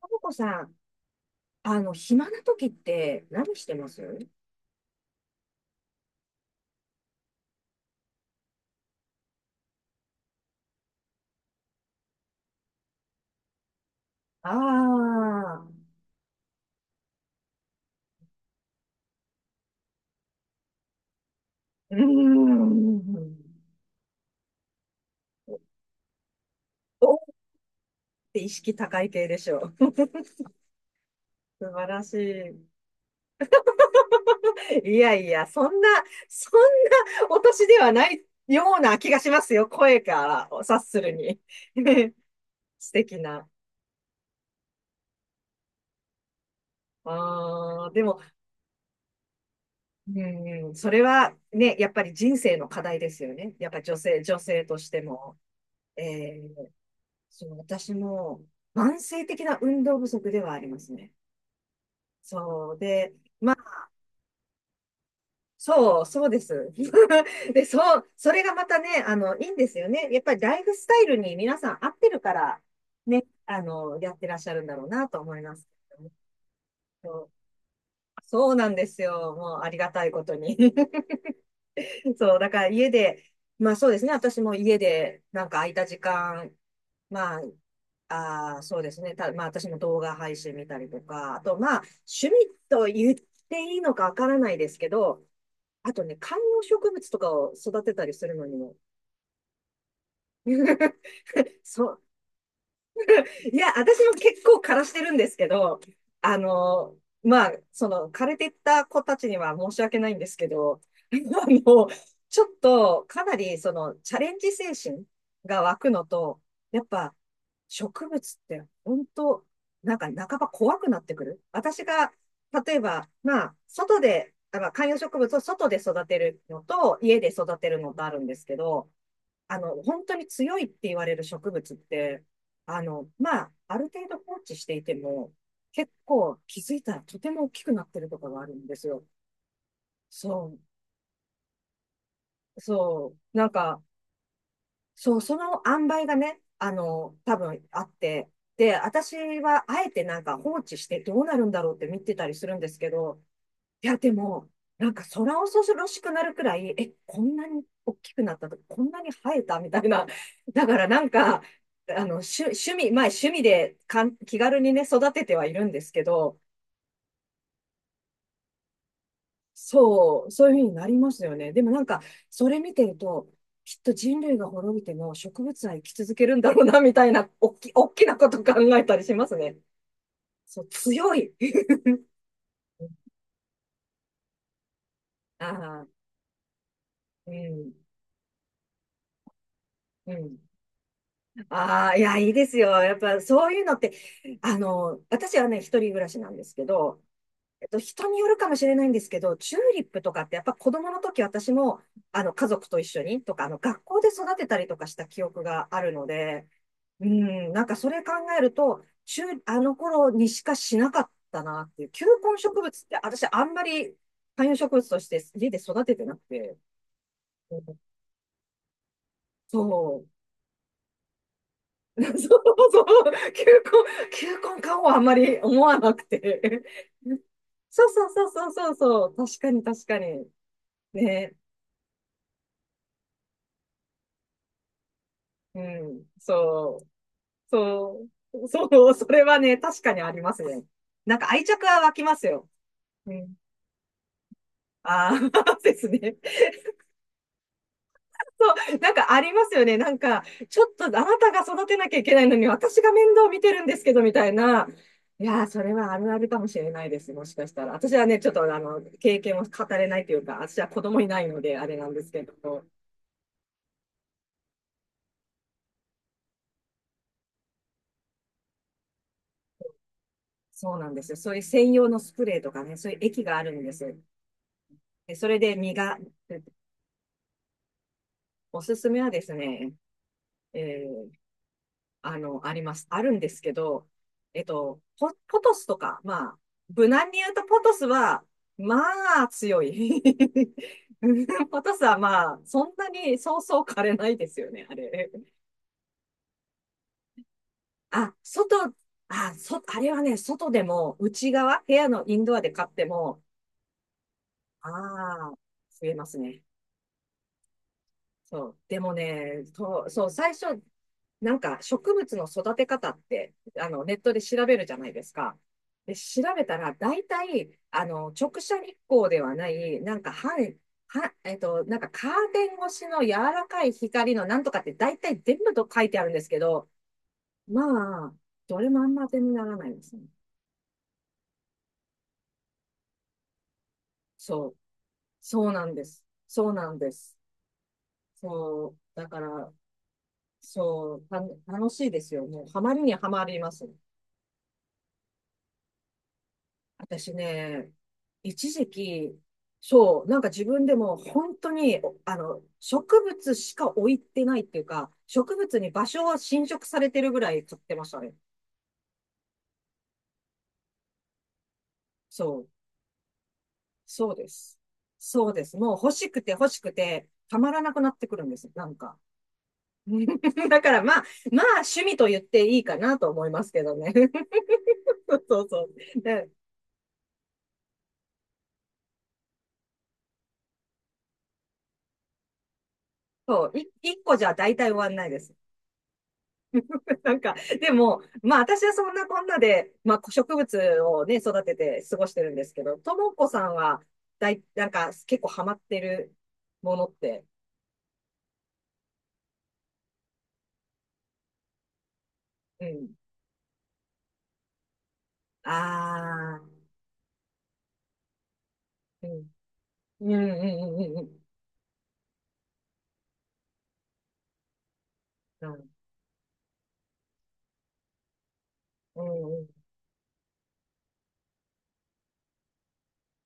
ともこさん、暇な時って何してます？ああー、うーん。おーって意識高い系でしょう。素晴らしい。いやいや、そんな、そんなお年ではないような気がしますよ。声から察するに。素敵な。ああ、でも、うん、それはね、やっぱり人生の課題ですよね。やっぱ女性としても。えそう、私も慢性的な運動不足ではありますね。そうで、まあ、そう、そうです。で、そう、それがまたね、いいんですよね。やっぱりライフスタイルに皆さん合ってるから、ね、やってらっしゃるんだろうなと思いますけどね。そう、そうなんですよ。もうありがたいことに。そう、だから家で、まあそうですね。私も家でなんか空いた時間まあ、そうですね。まあ、私も動画配信見たりとか、あと、まあ、趣味と言っていいのかわからないですけど、あとね、観葉植物とかを育てたりするのにも、そ、いや、私も結構枯らしてるんですけど、あの、まあ、枯れてった子たちには申し訳ないんですけど、あの、ちょっと、かなり、チャレンジ精神が湧くのと、やっぱ、植物って、本当なんか、半ば怖くなってくる。私が、例えば、まあ、外で、あの観葉植物を外で育てるのと、家で育てるのとあるんですけど、本当に強いって言われる植物って、まあ、ある程度放置していても、結構気づいたらとても大きくなってるとかがあるんですよ。そう、そう、なんか、そう、その塩梅がね、多分あって、で、私はあえてなんか放置してどうなるんだろうって見てたりするんですけど、いや、でも、なんか空恐ろしくなるくらい、え、こんなに大きくなったとか、こんなに生えたみたいな。だからなんか、趣味、まあ趣味で気軽にね、育ててはいるんですけど、そう、そういうふうになりますよね。でもなんか、それ見てると、きっと人類が滅びても植物は生き続けるんだろうな、みたいな、おっきなこと考えたりしますね。そう、強い。ああ、うん、うん。ああ、いや、いいですよ。やっぱそういうのって、私はね、一人暮らしなんですけど、人によるかもしれないんですけど、チューリップとかってやっぱ子供の時私も、家族と一緒にとか、学校で育てたりとかした記憶があるので、うん、なんかそれ考えると、チューあの頃にしかしなかったなっていう、球根植物って私あんまり観葉植物として家で育ててなくて、うん、そう。そう、そう、球根感はあんまり思わなくて。そうそうそうそうそうそう、確かに確かに。ね、うん、そう、そう、そう、それはね、確かにありますね。なんか愛着は湧きますよ。うん。ああ、ですね。そう、なんかありますよね。なんか、ちょっとあなたが育てなきゃいけないのに、私が面倒見てるんですけど、みたいな。いやー、それはあるあるかもしれないです。もしかしたら。私はね、ちょっと経験を語れないというか、私は子供いないので、あれなんですけど、そうなんですよ。そういう専用のスプレーとかね、そういう液があるんです。で、それで実が、おすすめはですね、えあの、あります。あるんですけど、ポトスとか、まあ、無難に言うとポトスは、まあ、強い。ポトスはまあ、そんなにそうそう枯れないですよね、あれ。外、あれはね、外でも、内側、部屋のインドアで買っても、ああ、増えますね。そう。でもね、そう、そう、最初、なんか植物の育て方って、ネットで調べるじゃないですか。で、調べたら、大体、直射日光ではない、なんか半、は、えっと、なんかカーテン越しの柔らかい光のなんとかって大体全部と書いてあるんですけど、まあ、どれもあんま当てにならないですね。そう。そうなんです。そうなんです。そう。だから、そう、楽しいですよ。もう、ハマりにはまりますね。私ね、一時期、そう、なんか自分でも本当に、植物しか置いてないっていうか、植物に場所は侵食されてるぐらい買ってましたね。そう、そうです。そうです。もう欲しくて欲しくて、たまらなくなってくるんです。なんか。だからまあ趣味と言っていいかなと思いますけどね。そうそうそう。でそう、一個じゃ大体終わんないです。なんか、でも、まあ私はそんなこんなで、まあ植物をね、育てて過ごしてるんですけど、ともこさんは、なんか結構ハマってるものって、うん。ああ、うん。うんうんうんうんうん。うんうんうん。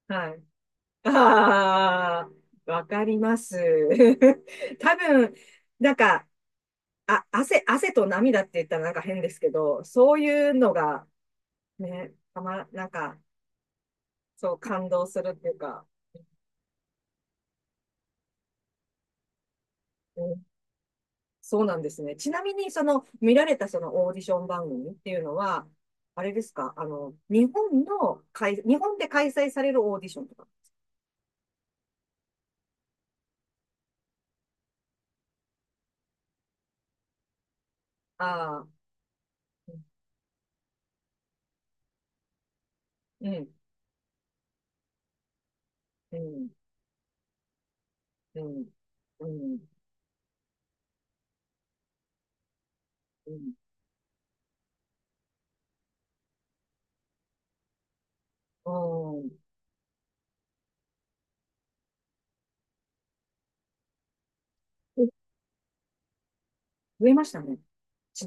はい。ああ、わかります。多分、なんか、あ、汗と涙って言ったらなんか変ですけど、そういうのが、ね、なんか、そう感動するっていうか、うん、そうなんですね。ちなみに、見られたそのオーディション番組っていうのは、あれですか？日本で開催されるオーディションとか。ああ、うん、うん、うん、うん、うん、うん。え増えましたね。ち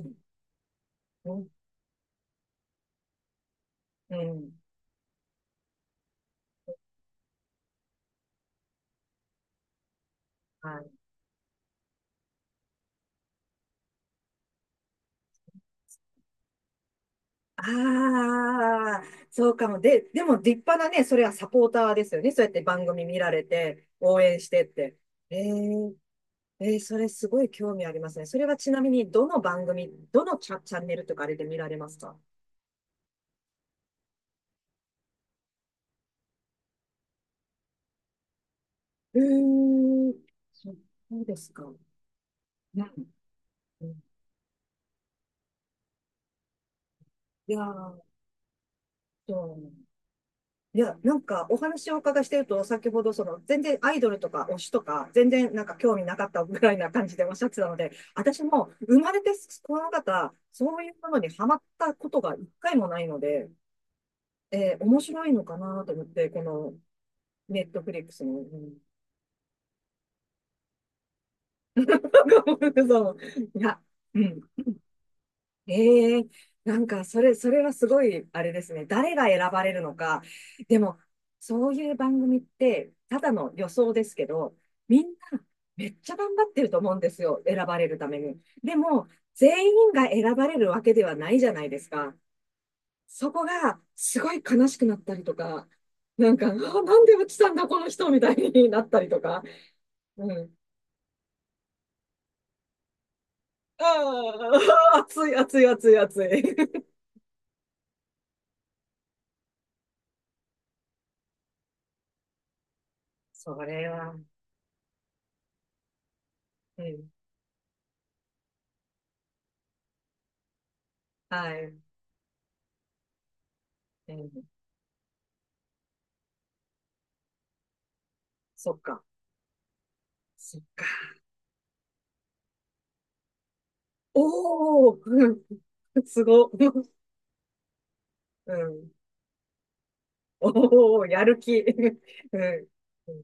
うん、うんはい。ああ、そうかも。でも立派なね、それはサポーターですよね。そうやって番組見られて、応援してって。へええー、それすごい興味ありますね。それはちなみに、どの番組、どのチャ、チャンネルとかあれで見られますか？うーん、そそうですか。うんいやー、そういや、なんかお話をお伺いしてると、先ほどその全然アイドルとか推しとか、全然なんか興味なかったぐらいな感じでおっしゃってたので、私も生まれてこの方、そういうものにハマったことが一回もないので、面白いのかなと思って、このネットフリックスの、うん。 そう。いや、うん。ええなんか、それはすごい、あれですね。誰が選ばれるのか。でも、そういう番組って、ただの予想ですけど、みんな、めっちゃ頑張ってると思うんですよ。選ばれるために。でも、全員が選ばれるわけではないじゃないですか。そこが、すごい悲しくなったりとか、なんか、あ、なんで落ちたんだ、この人、みたいになったりとか。うん。ああ、熱い、熱い、熱い、熱い。それは、うん、はい、うん、そっか、そっか。おー、うん、うん、おー、やる気、うん、うん、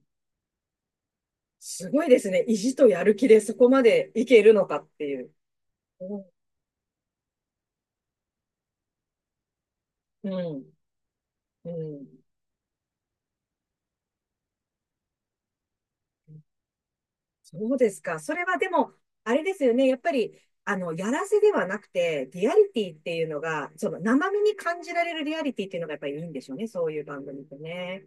すごいですね。意地とやる気でそこまでいけるのかっていう。うん、うん、そうですか。それはでも、あれですよね。やっぱり、やらせではなくて、リアリティっていうのが、その生身に感じられるリアリティっていうのがやっぱりいいんでしょうね。そういう番組ってね。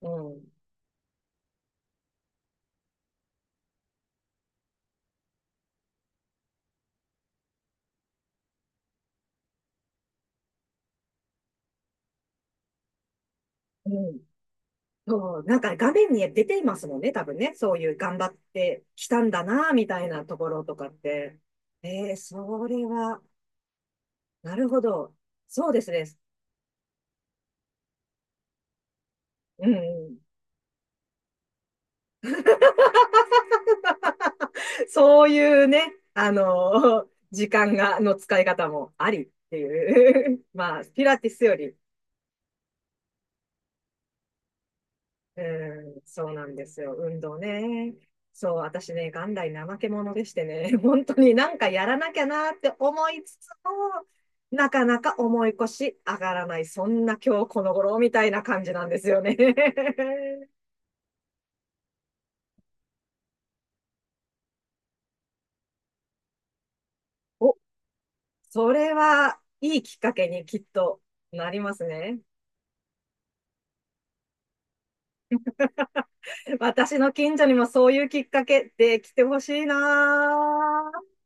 うん。うん。そう、なんか画面に出ていますもんね、多分ね。そういう頑張ってきたんだな、みたいなところとかって。えー、それは、なるほど。そうですね。うん。そういうね、時間の使い方もありっていう。まあ、ピラティスよりうん、そうなんですよ。運動ね。そう、私ね、元来怠け者でしてね、本当になんかやらなきゃなって思いつつも、なかなか重い腰上がらない、そんな今日この頃みたいな感じなんですよね。お、それはいいきっかけにきっとなりますね。私の近所にもそういうきっかけできてほしいなぁ。